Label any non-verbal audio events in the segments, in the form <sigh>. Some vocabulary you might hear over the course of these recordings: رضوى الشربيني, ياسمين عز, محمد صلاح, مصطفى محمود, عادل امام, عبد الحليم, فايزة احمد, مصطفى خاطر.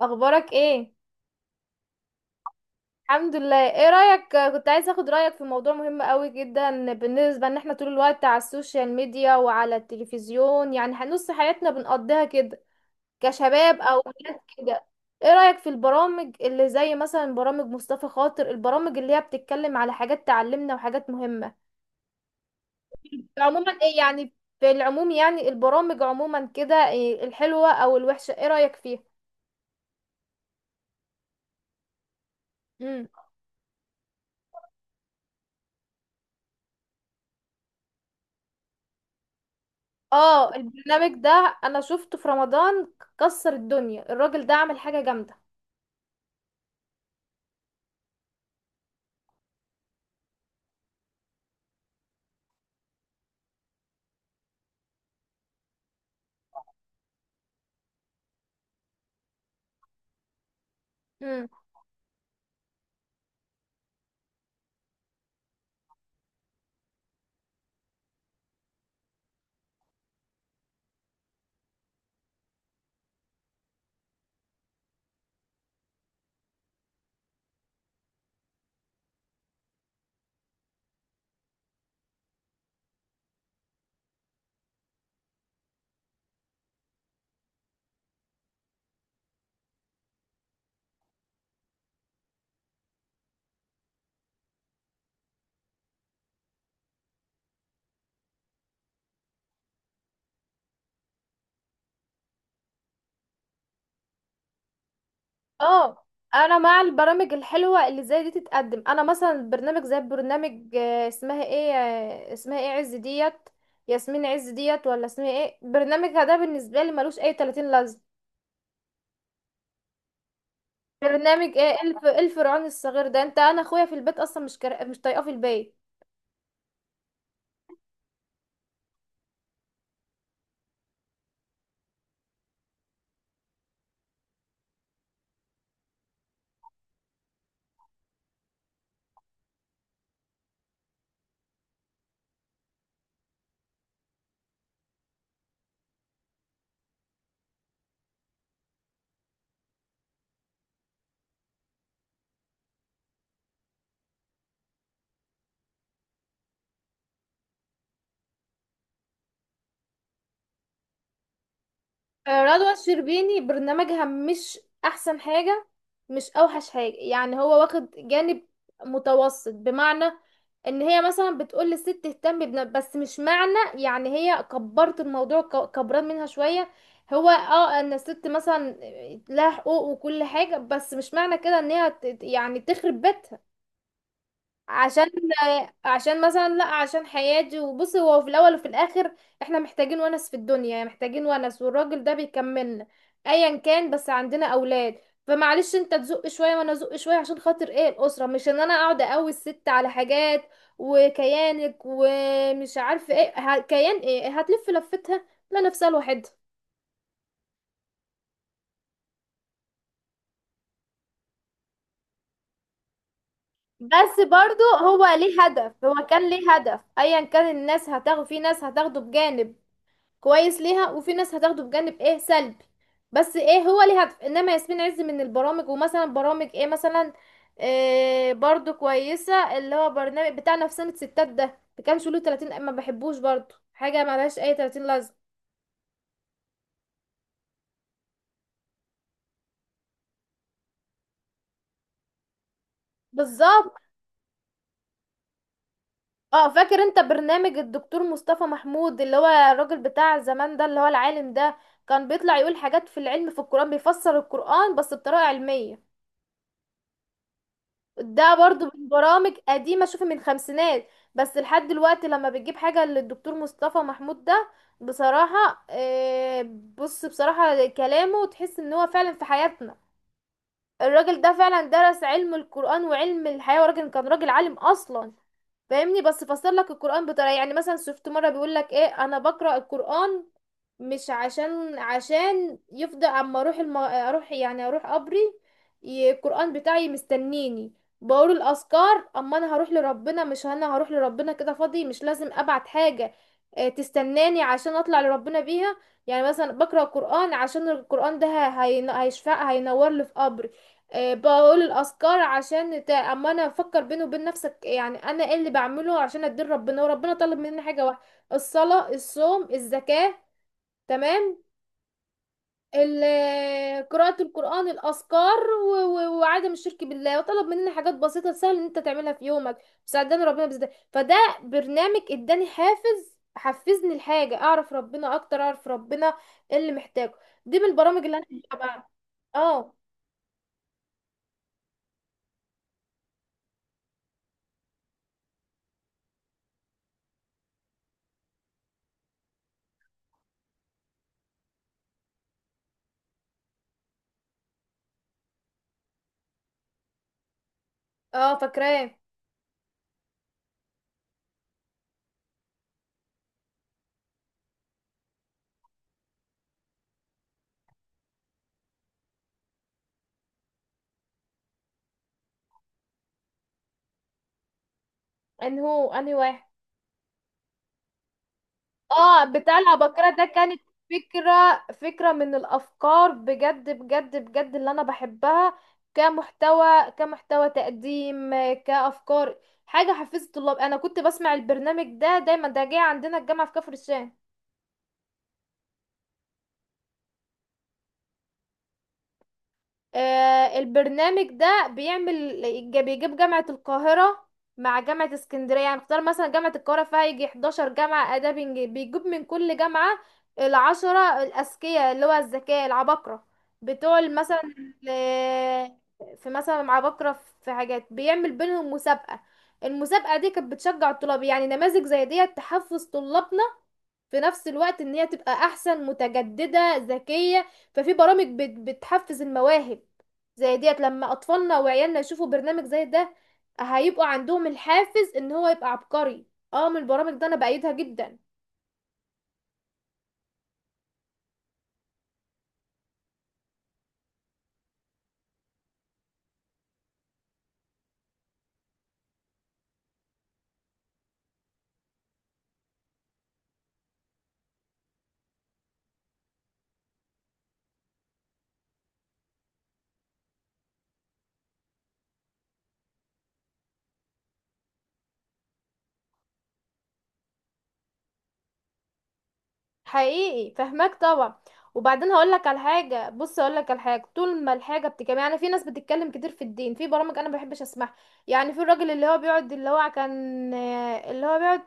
اخبارك ايه؟ الحمد لله. ايه رايك، كنت عايزه اخد رايك في موضوع مهم قوي جدا بالنسبه ان احنا طول الوقت على السوشيال ميديا وعلى التلفزيون، يعني نص حياتنا بنقضيها كده كشباب او ولاد كده. ايه رايك في البرامج اللي زي مثلا برامج مصطفى خاطر، البرامج اللي هي بتتكلم على حاجات تعلمنا وحاجات مهمه؟ عموما ايه يعني؟ في العموم يعني البرامج عموما كده، إيه الحلوه او الوحشه، ايه رايك فيها؟ اه، البرنامج ده انا شفته في رمضان، كسر الدنيا الراجل ده، عمل حاجة جامدة. امم اه، انا مع البرامج الحلوة اللي زي دي تتقدم. انا مثلا برنامج زي برنامج اسمها ايه، اسمها ايه عز ديت، ياسمين عز ديت، ولا اسمها ايه، برنامجها ده بالنسبة لي ملوش اي 30 لازمة. برنامج ايه الف الفرعون الصغير ده؟ انت انا اخويا في البيت اصلا مش طايقاه في البيت. رضوى الشربيني برنامجها مش احسن حاجة، مش اوحش حاجة، يعني هو واخد جانب متوسط، بمعنى ان هي مثلا بتقول للست اهتم بنا، بس مش معنى يعني هي كبرت الموضوع، كبران منها شوية. هو اه ان الست مثلا لها حقوق وكل حاجة، بس مش معنى كده ان هي يعني تخرب بيتها عشان عشان مثلا لا، عشان حياتي. وبصي هو في الاول وفي الاخر احنا محتاجين ونس في الدنيا، يعني محتاجين ونس، والراجل ده بيكملنا ايا كان، بس عندنا اولاد، فمعلش انت تزق شويه وانا ازق شويه عشان خاطر ايه الاسره، مش ان انا اقعد اقوي الست على حاجات وكيانك ومش عارف ايه، كيان ايه هتلف لفتها، لا نفسها لوحدها. بس برضو هو ليه هدف، هو كان ليه هدف ايا كان، الناس هتاخد، في ناس هتاخده بجانب كويس ليها، وفي ناس هتاخده بجانب ايه سلبي، بس ايه هو ليه هدف. انما ياسمين عز من البرامج، ومثلا برامج ايه مثلا إيه برضو كويسة، اللي هو برنامج بتاع نفسانة ستات ده، ما كانش له 30، ما بحبوش برضو، حاجة ملهاش اي 30 لازمة. بالظبط. اه، فاكر انت برنامج الدكتور مصطفى محمود اللي هو الراجل بتاع زمان ده، اللي هو العالم ده، كان بيطلع يقول حاجات في العلم في القرآن، بيفسر القرآن بس بطريقة علمية. ده برضو من برامج قديمة، شوفي من خمسينات. بس لحد دلوقتي لما بتجيب حاجة للدكتور مصطفى محمود ده بصراحة، بص بصراحة كلامه تحس ان هو فعلا في حياتنا. الراجل ده فعلا درس علم القرآن وعلم الحياة، وراجل كان راجل عالم اصلا، فاهمني؟ بس فسر لك القرآن بطريقة، يعني مثلا شفت مرة بيقول لك ايه، انا بقرأ القرآن مش عشان، عشان يفضل اما اروح، اروح يعني اروح قبري، القرآن بتاعي مستنيني. بقول الاذكار اما انا هروح لربنا، مش انا هروح لربنا كده فاضي، مش لازم ابعت حاجة، تستناني عشان اطلع لربنا بيها. يعني مثلا بقرأ القرآن عشان القرآن ده هيشفع هينور لي في قبري. بقول الاذكار عشان اما انا افكر بيني وبين نفسك، يعني انا ايه اللي بعمله عشان ادين ربنا. وربنا طلب مني حاجة واحدة: الصلاة، الصوم، الزكاة، تمام، قراءة القرآن، الأذكار، وعدم الشرك بالله. وطلب مننا حاجات بسيطة سهل إن أنت تعملها في يومك. ساعدني ربنا بزده، فده برنامج اداني حافز، حفزني الحاجة أعرف ربنا أكتر، أعرف ربنا إيه اللي محتاجه. دي من البرامج اللي أنا <laughs> بتابعها. اه. اه، فاكراه. أنهي واحد؟ اه، بتاع العباقرة ده كانت فكرة، فكرة من الافكار بجد بجد بجد اللي انا بحبها، كمحتوى، كمحتوى تقديم، كافكار، حاجة حفزت الطلاب. انا كنت بسمع البرنامج ده دايما، ده جاي عندنا الجامعة في كفر الشام. البرنامج ده بيعمل، بيجيب جامعة القاهرة مع جامعة اسكندرية، يعني اختار مثلا جامعة القاهرة فيها يجي 11 جامعة آداب إنجليزي، بيجيب من كل جامعة العشرة الأذكياء اللي هو الذكاء، العباقرة بتوع مثلا ال- في مثلا عباقرة في حاجات، بيعمل بينهم مسابقة. المسابقة دي كانت بتشجع الطلاب، يعني نماذج زي ديت تحفز طلابنا في نفس الوقت ان هي تبقى احسن، متجددة، ذكية. ففي برامج بتحفز المواهب زي ديت، لما اطفالنا وعيالنا يشوفوا برنامج زي ده هيبقوا عندهم الحافز ان هو يبقى عبقري. اه، من البرامج ده انا بأيدها جدا. حقيقي فهماك طبعا. وبعدين هقول لك على حاجه، بص هقول لك على حاجه، طول ما الحاجه بتتكلم، يعني في ناس بتتكلم كتير في الدين في برامج انا ما بحبش اسمعها، يعني في الراجل اللي هو بيقعد اللي هو كان اللي هو بيقعد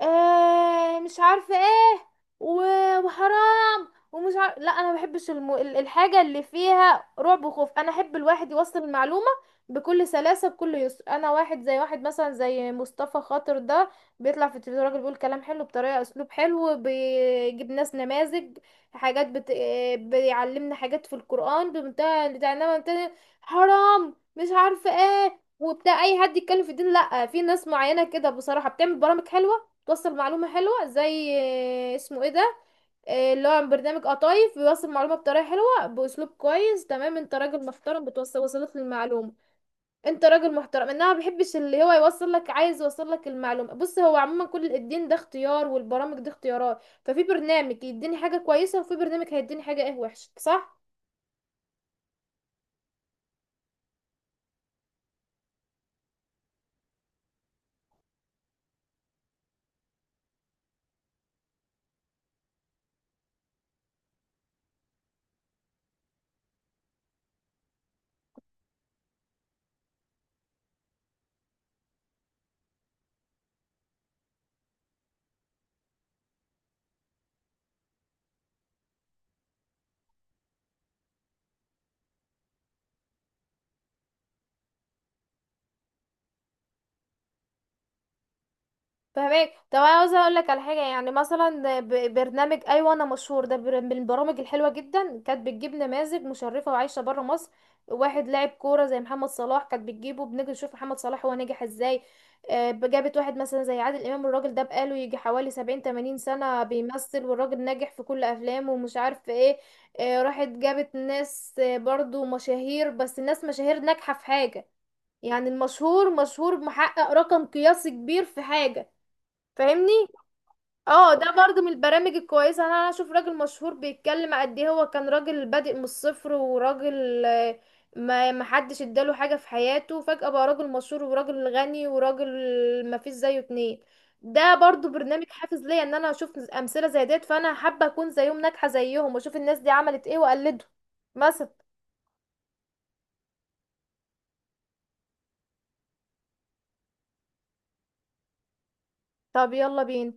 آه مش عارفه ايه، وحرام ومش عارف، لا انا ما بحبش الحاجه اللي فيها رعب وخوف. انا احب الواحد يوصل المعلومه بكل سلاسه بكل يسر. انا واحد زي واحد مثلا زي مصطفى خاطر ده، بيطلع في التلفزيون راجل بيقول كلام حلو بطريقة، اسلوب حلو، بيجيب ناس نماذج، حاجات بت... بيعلمنا حاجات في القرآن بمنتهى بتاع، انما تاني حرام مش عارفة ايه وبتاع اي حد يتكلم في الدين. لا، في ناس معينة كده بصراحة بتعمل برامج حلوة، توصل معلومة حلوة زي اسمه ايه ده إيه اللي هو برنامج قطايف، بيوصل معلومة بطريقة حلوة بأسلوب كويس. تمام، انت راجل محترم بتوصل، وصلت للمعلومة. انت راجل محترم، انها ما بيحبش اللي هو يوصل لك، عايز يوصل لك المعلومه. بص هو عموما كل الدين ده اختيار، والبرامج دي اختيارات، ففي برنامج يديني حاجه كويسه وفي برنامج هيديني حاجه ايه وحشه، صح؟ فهمك. طب انا عاوزه اقول لك على حاجه، يعني مثلا برنامج ايوه انا مشهور ده، من البرامج الحلوه جدا، كانت بتجيب نماذج مشرفه وعايشه بره مصر. واحد لاعب كوره زي محمد صلاح كانت بتجيبه، بنيجي نشوف محمد صلاح هو نجح ازاي. جابت واحد مثلا زي عادل امام، الراجل ده بقاله يجي حوالي 70-80 سنه بيمثل، والراجل ناجح في كل افلامه ومش عارف ايه. راحت جابت ناس برضو مشاهير، بس الناس مشاهير ناجحه في حاجه، يعني المشهور مشهور محقق رقم قياسي كبير في حاجه، فاهمني؟ اه، ده برضو من البرامج الكويسه. أنا اشوف راجل مشهور بيتكلم قد ايه هو كان راجل بادئ من الصفر، وراجل ما ما حدش اداله حاجه في حياته، فجاه بقى راجل مشهور وراجل غني وراجل ما فيش زيه اتنين. ده برضو برنامج حافز ليا، ان انا اشوف امثله زي ديت، فانا حابه اكون زيهم، ناجحه زيهم، واشوف الناس دي عملت ايه واقلده مثلا. طب يلا بينا.